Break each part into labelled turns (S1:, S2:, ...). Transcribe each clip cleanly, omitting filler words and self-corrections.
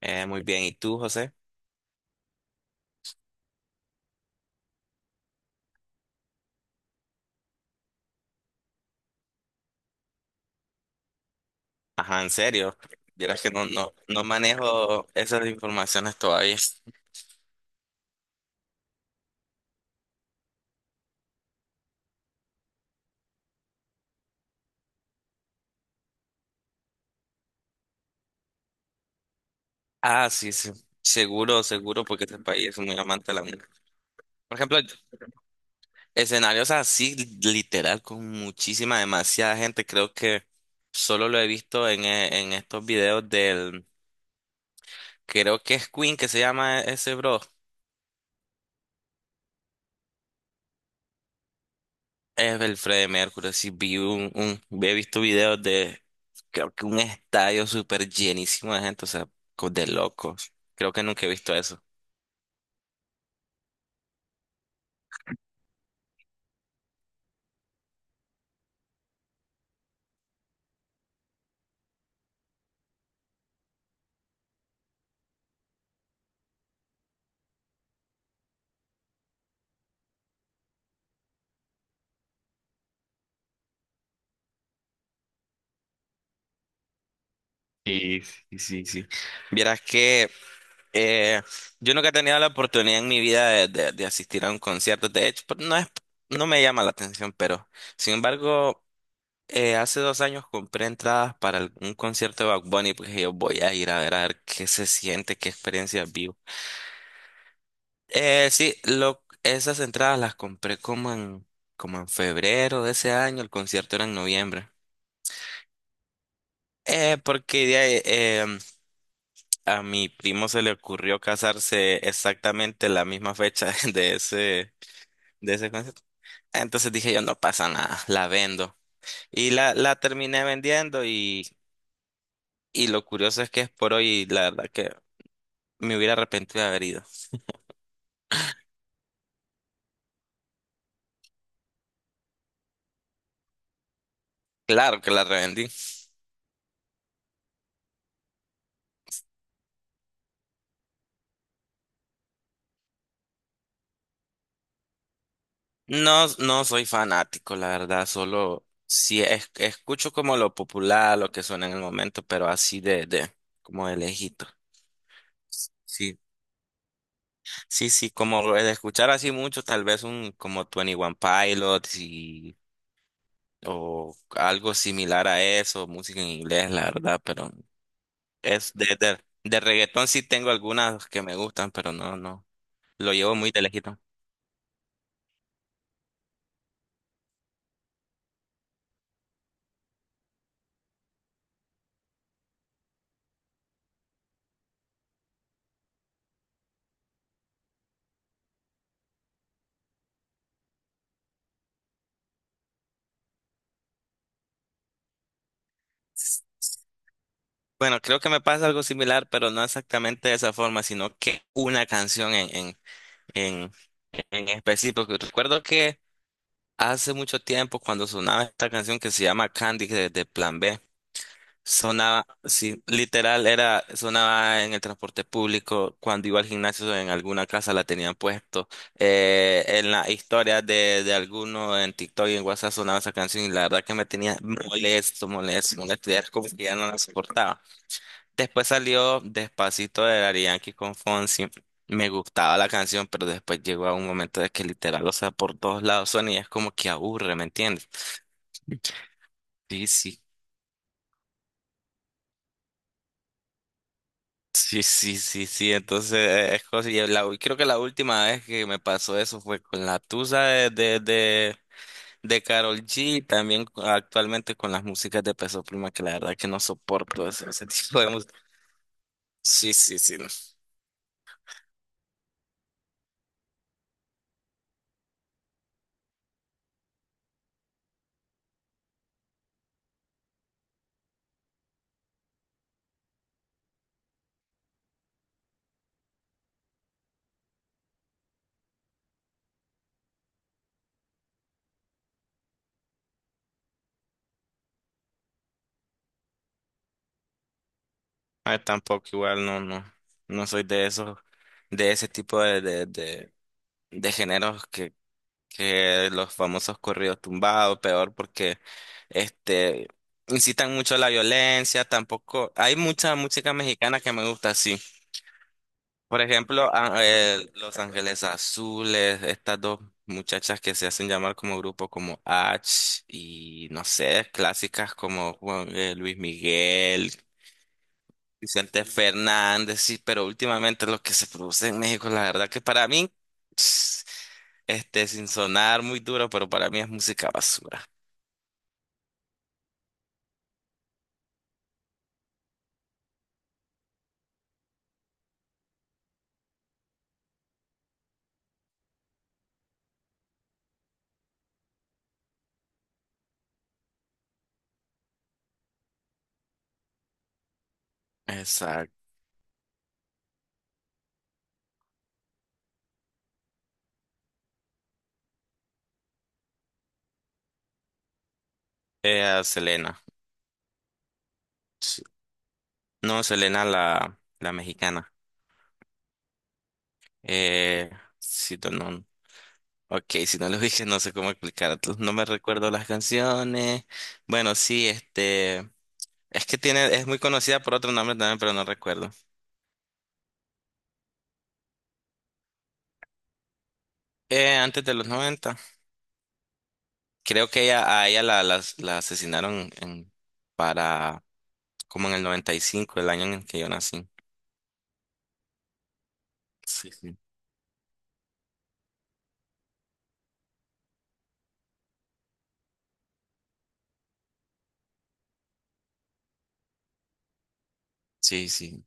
S1: Muy bien, ¿y tú, José? Ajá, en serio. Vieras que no manejo esas informaciones todavía. Ah, sí, sí. Seguro, seguro, porque este país es muy amante de la música. Por ejemplo, escenarios así, literal, con muchísima, demasiada gente. Creo que solo lo he visto en estos videos del. Creo que es Queen que se llama ese bro. Es el Freddie Mercury, sí, he visto videos de, creo que un estadio súper llenísimo de gente, o sea, de locos. Creo que nunca he visto eso. Y sí, sí, sí. Vieras que eh, yo nunca he tenido la oportunidad en mi vida de asistir a un concierto, de hecho, pues, no me llama la atención, pero sin embargo, hace dos años compré entradas para un concierto de Bad Bunny, porque yo voy a ir a ver qué se siente, qué experiencia vivo. Sí, lo, esas entradas las compré como en febrero de ese año, el concierto era en noviembre. Porque de ahí, a mi primo se le ocurrió casarse exactamente la misma fecha de ese concierto. Entonces dije yo, no pasa nada, la vendo. Y la terminé vendiendo y lo curioso es que es por hoy, y la verdad que me hubiera arrepentido de haber ido. Claro que la revendí. No, no soy fanático, la verdad, solo si es- escucho como lo popular, lo que suena en el momento, pero así como de lejito. Sí, sí, sí, como lo de escuchar así mucho, tal vez un como Twenty One Pilots y, o algo similar a eso, música en inglés, la verdad, pero es de reggaetón sí tengo algunas que me gustan, pero no, no, lo llevo muy de lejito. Bueno, creo que me pasa algo similar, pero no exactamente de esa forma, sino que una canción en, en específico. Recuerdo que hace mucho tiempo, cuando sonaba esta canción que se llama Candy de Plan B, sonaba, sí, literal, era, sonaba en el transporte público, cuando iba al gimnasio, en alguna casa la tenían puesto. En las historias de alguno en TikTok y en WhatsApp sonaba esa canción y la verdad que me tenía molesto, molesto, molesto, ya era como que ya no la soportaba. Después salió Despacito de Daddy Yankee con Fonsi. Me gustaba la canción, pero después llegó a un momento de que literal, o sea, por todos lados son y es como que aburre, ¿me entiendes? Sí, sí. Sí, sí, sí, sí. Entonces, es cosa. Y creo que la última vez que me pasó eso fue con la Tusa de Karol G. Y también actualmente con las músicas de Peso Pluma, que la verdad que no soporto eso, ese tipo de música. Sí, sí, sí. No. Ah, tampoco igual no soy de esos, de ese tipo de géneros que los famosos corridos tumbados, peor porque este incitan mucho a la violencia, tampoco, hay mucha música mexicana que me gusta así. Por ejemplo, Los Ángeles Azules, estas dos muchachas que se hacen llamar como grupo como H y no sé, clásicas como Luis Miguel, Vicente Fernández, sí, pero últimamente lo que se produce en México, la verdad que para mí, este, sin sonar muy duro, pero para mí es música basura. Exacto. A Selena. Sí. No, Selena la, la mexicana. Eh, si no, no- ok, si no lo dije, no sé cómo explicar. No me recuerdo las canciones. Bueno, sí, este, es que tiene, es muy conocida por otro nombre también, pero no recuerdo. Antes de los 90. Creo que ella, a ella la, la, la asesinaron en, para como en el 95, el año en el que yo nací. Sí, sí. Sí, sí.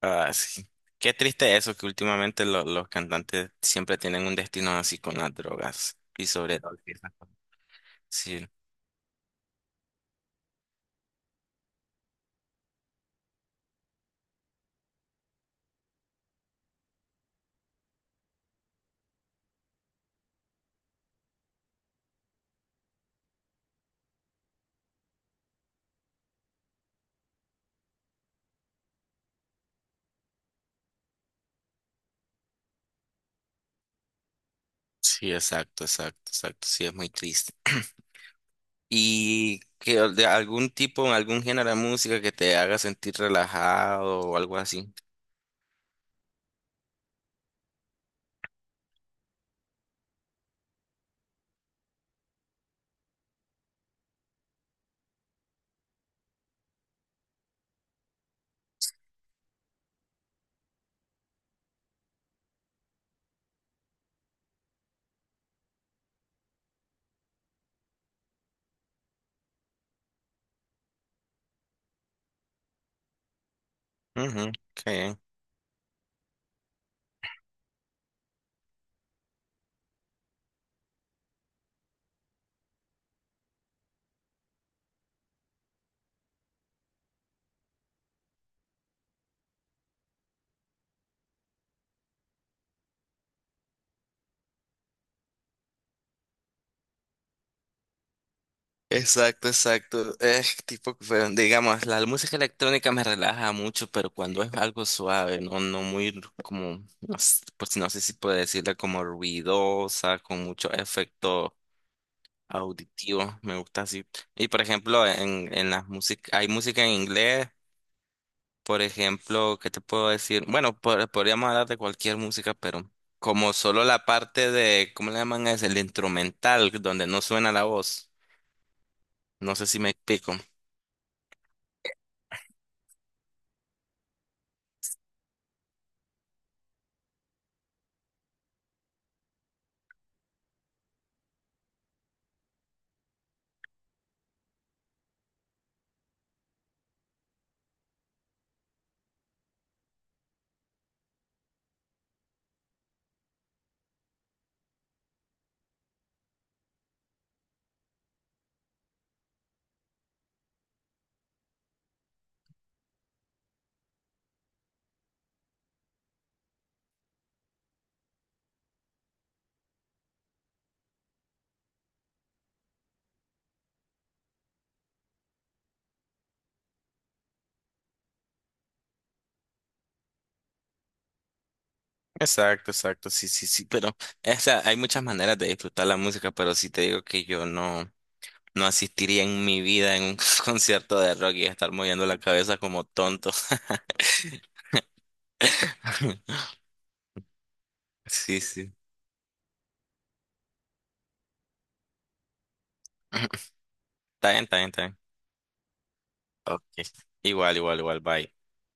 S1: Ah, sí. Qué triste eso, que últimamente los cantantes siempre tienen un destino así con las drogas y sobre todo esas cosas. Sí, sí, exacto, exacto, exacto. Sí, es muy triste. ¿Y que, de algún tipo, algún género de música que te haga sentir relajado o algo así? Ujú, ok. Exacto, exacto. Es tipo, pero, digamos, la música electrónica me relaja mucho, pero cuando es algo suave, no, no muy como, no sé, pues no sé si puedo decirle como ruidosa, con mucho efecto auditivo, me gusta así. Y por ejemplo, en las músicas, hay música en inglés, por ejemplo, ¿qué te puedo decir? Bueno, podríamos hablar de cualquier música, pero como solo la parte de, ¿cómo le llaman? Es el instrumental, donde no suena la voz. No sé si me explico. Exacto, exacto, sí, sí, sí, pero o sea, hay muchas maneras de disfrutar la música, pero sí te digo que yo no, no asistiría en mi vida en un concierto de rock y estar moviendo la cabeza como tonto. Sí, sí. Está bien, está bien, está bien. Ok. Igual, igual, igual, bye.